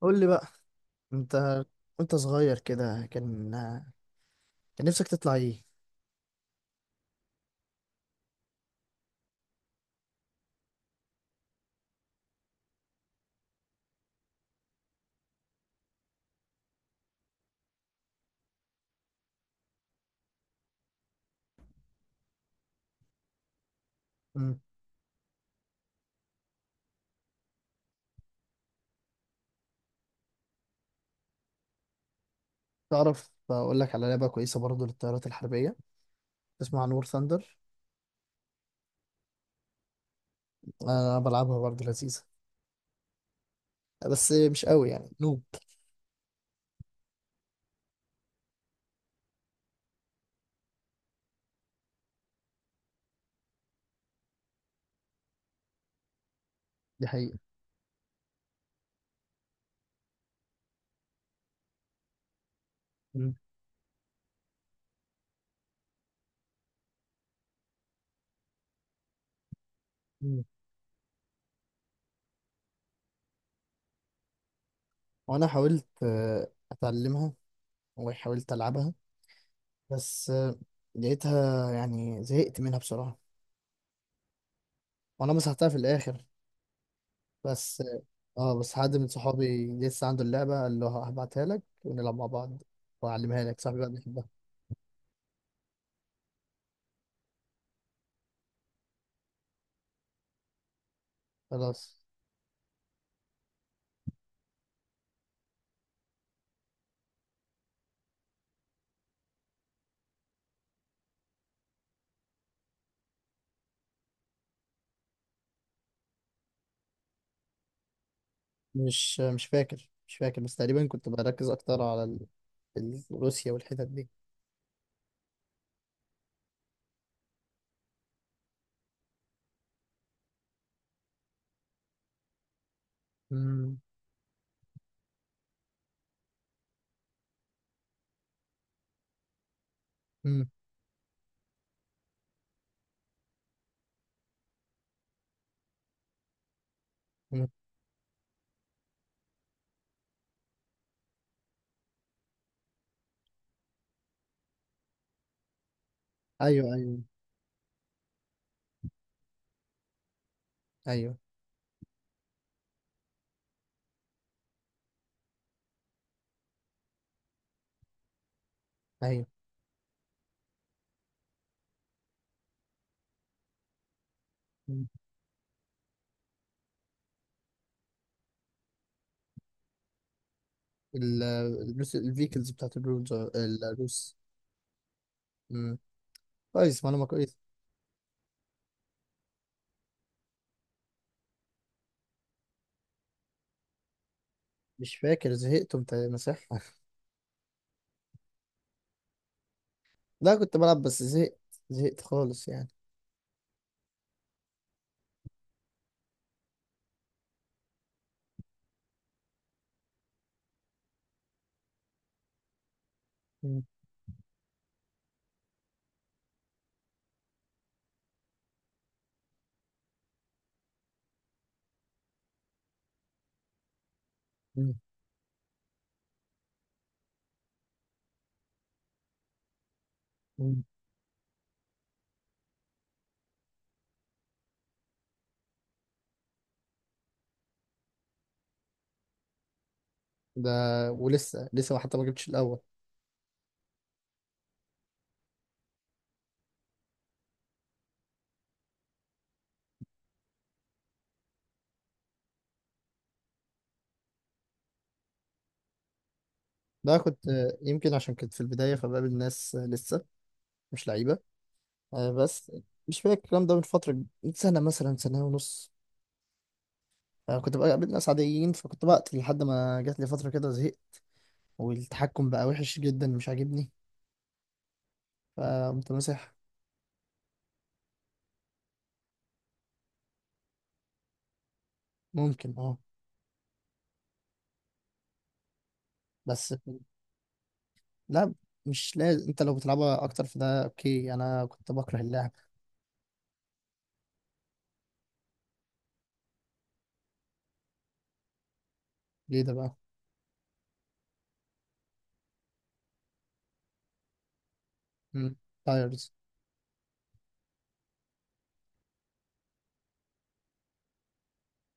قول لي بقى، انت، وانت صغير كده كان نفسك تطلع ايه؟ مم. تعرف اقول لك على لعبه كويسه برضو للطيارات الحربيه، اسمها نور ثاندر. انا بلعبها برضو، لذيذه بس مش قوي يعني. دي حقيقه. مم. مم. وانا حاولت اتعلمها، وحاولت العبها، بس لقيتها يعني زهقت منها بصراحه. وانا مسحتها في الاخر. بس اه بس حد من صحابي لسه عنده اللعبه، قال له هبعتها لك ونلعب مع بعض واعلمها لك، صاحبي بقى بيحبها. خلاص. مش فاكر، بس تقريبا كنت بركز اكتر على روسيا والحتت دي. مم. مم. مم. ايوه ايوه ايوه ايوه. مم. الروس، الفيكلز بتاعت الروس، الروس. مم. كويس، معلومة كويس. مش فاكر، زهقت وانت مسحها لا، كنت بلعب بس زهقت، زهقت خالص يعني. مم. مم. مم. ده ولسه لسه حتى ما جبتش الاول. ده كنت يمكن عشان كنت في البداية فبقابل ناس لسه مش لعيبة. بس مش فاكر الكلام ده، من فترة، من سنة مثلا، سنة ونص. كنت بقى قابلت ناس عاديين، فكنت بقتل لحد ما جات لي فترة كده زهقت، والتحكم بقى وحش جدا مش عاجبني، فقمت ماسح. ممكن، اه. بس في- لا، مش لازم، انت لو بتلعبها اكتر في ده، اوكي، انا كنت بكره اللعب. ليه ده بقى. امم. تايرز.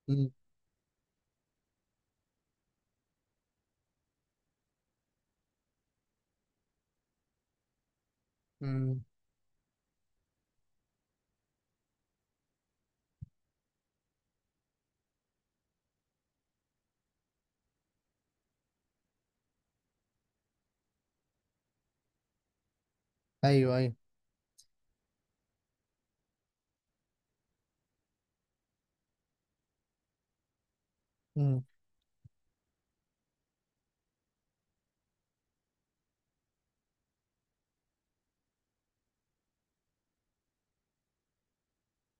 امم. ايوه ايوه. امم.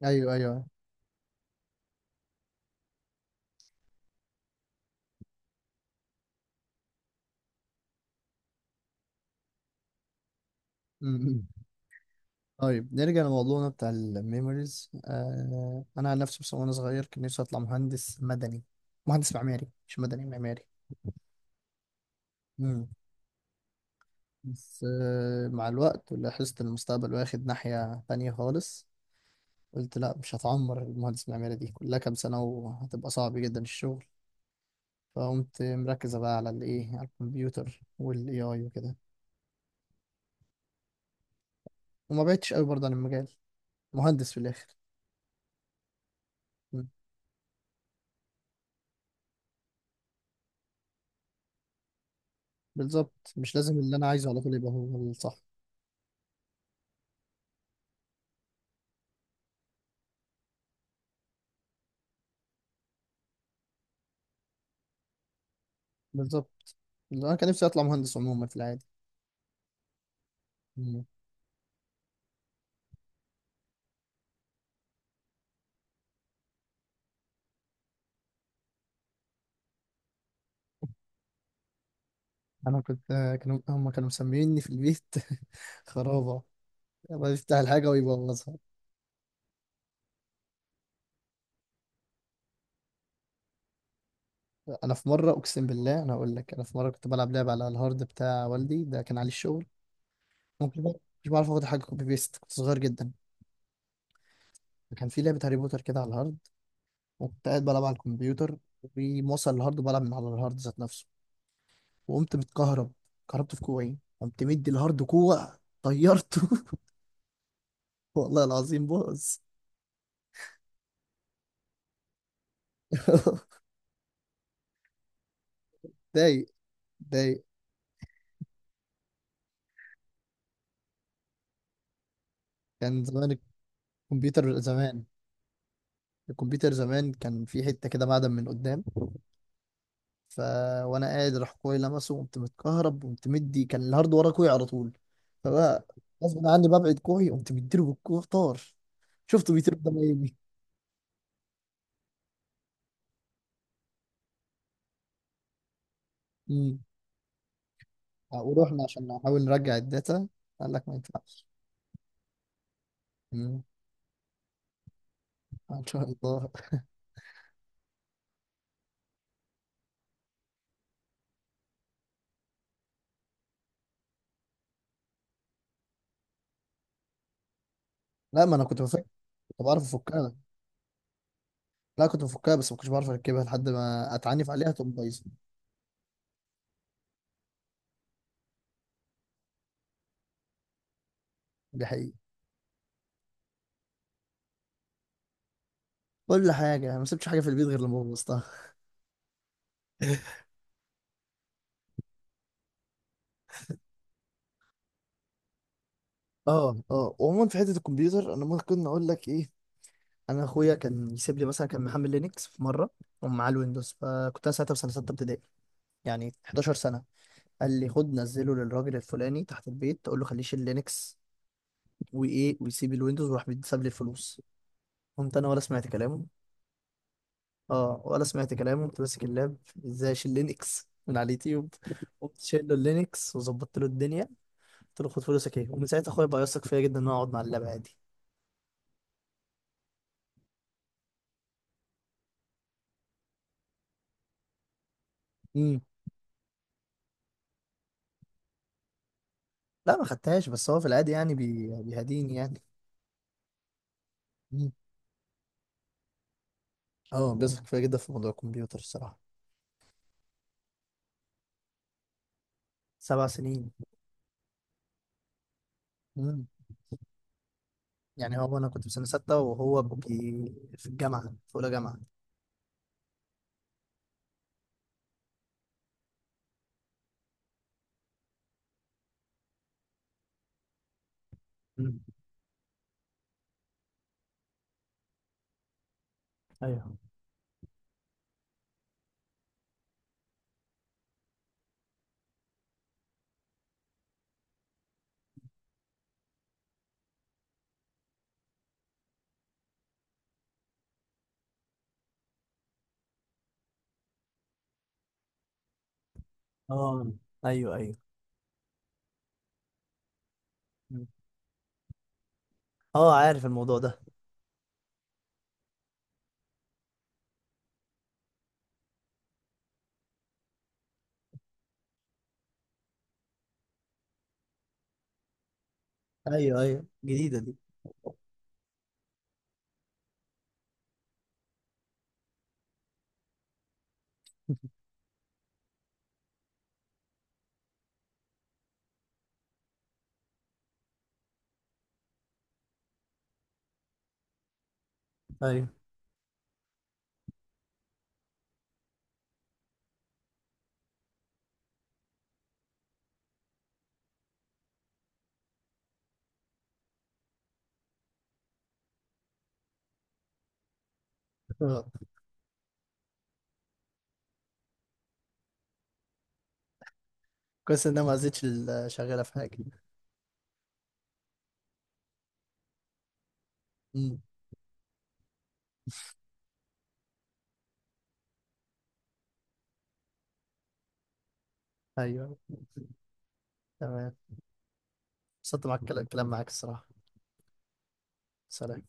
ايوه ايوه. طيب، نرجع لموضوعنا بتاع الميموريز. انا عن نفسي، بس وانا صغير كان نفسي اطلع مهندس مدني. مهندس معماري، مش مدني، معماري. مم. بس مع الوقت لاحظت إن المستقبل واخد ناحية تانية خالص. قلت لا، مش هتعمر المهندس المعماري دي كلها كام سنة، وهتبقى صعب جدا الشغل. فقمت مركزة بقى على الايه، على الكمبيوتر والاي اي وكده. وما بعدتش قوي برضه عن المجال. مهندس في الاخر. مم. بالظبط، مش لازم اللي انا عايزه على طول يبقى هو الصح. بالظبط، انا كان نفسي اطلع مهندس عموما في العادي. مم. انا كنت كانوا مسميني في البيت خرابه، يلا يفتح الحاجه ويبوظها. انا في مره، اقسم بالله، انا اقول لك، انا في مره كنت بلعب لعبه على الهارد بتاع والدي، ده كان عليه الشغل. ممكن بقى، مش بعرف اخد حاجه كوبي بيست، كنت صغير جدا. كان في لعبه هاري بوتر كده على الهارد، وكنت قاعد بلعب على الكمبيوتر، وموصل الهارد وبلعب من على الهارد ذات نفسه، وقمت متكهرب. كهربت في كوعي، قمت مدي الهارد كوع، طيرته والله العظيم بوظ. ضايق، ضايق. كان زمان، الكمبيوتر زمان الكمبيوتر زمان كان في حتة كده معدن من قدام، ف وانا قاعد راح اخويا لمسه، وقمت متكهرب، وقمت مدي كان الهارد ورا كوعي على طول، فبقى غصب عني ببعد كوعي، قمت مديله بالكوع طار. شفته بيطير قدام عيني. امم. ورحنا عشان نحاول نرجع الداتا، قال لك ما ينفعش. امم. ان شاء الله. لا، ما انا كنت بفكر، كنت بعرف افكها. لا، كنت بفكها بس ما كنتش بعرف اركبها، لحد ما اتعنف عليها تقوم بايظه. دي حقيقة. كل حاجه يعني، ما سبتش حاجه في البيت غير لما بوظتها اه اه، وعموما في حته الكمبيوتر انا ممكن اقول لك ايه. انا اخويا كان يسيب لي، مثلا كان محمل لينكس في مره ومعاه الويندوز، فكنت انا ساعتها في سنه سته ابتدائي، يعني 11 سنه. قال لي خد نزله للراجل الفلاني تحت البيت، تقول له خليه يشيل لينكس وايه، ويسيب الويندوز، وراح بيتساب لي الفلوس. قمت انا ولا سمعت كلامه. اه، ولا سمعت كلامه، قمت ماسك اللاب، ازاي اشيل لينكس من على اليوتيوب. قمت شايل له اللينكس وظبطت له الدنيا، قلت له خد فلوسك ايه. ومن ساعتها اخويا بقى يثق فيا جدا، ان انا اقعد مع اللاب عادي. امم. لا، ما خدتهاش، بس هو في العادي يعني بيهديني يعني. امم. اه، بيثق فيا جدا في موضوع الكمبيوتر الصراحه. 7 سنين. امم. يعني هو انا كنت في سنه سته، وهو في الجامعه، في اولى جامعه. مم. ايوه، اه، ايوه ايوه. أمم. اه، عارف الموضوع ده. ايوه ايوه، جديده دي. ايوه. آه. كويس ان انا ما زيتش شغاله في حاجه. أمم. ايوه. تمام. انبسطت معاك، الكلام معاك الصراحه. سلام.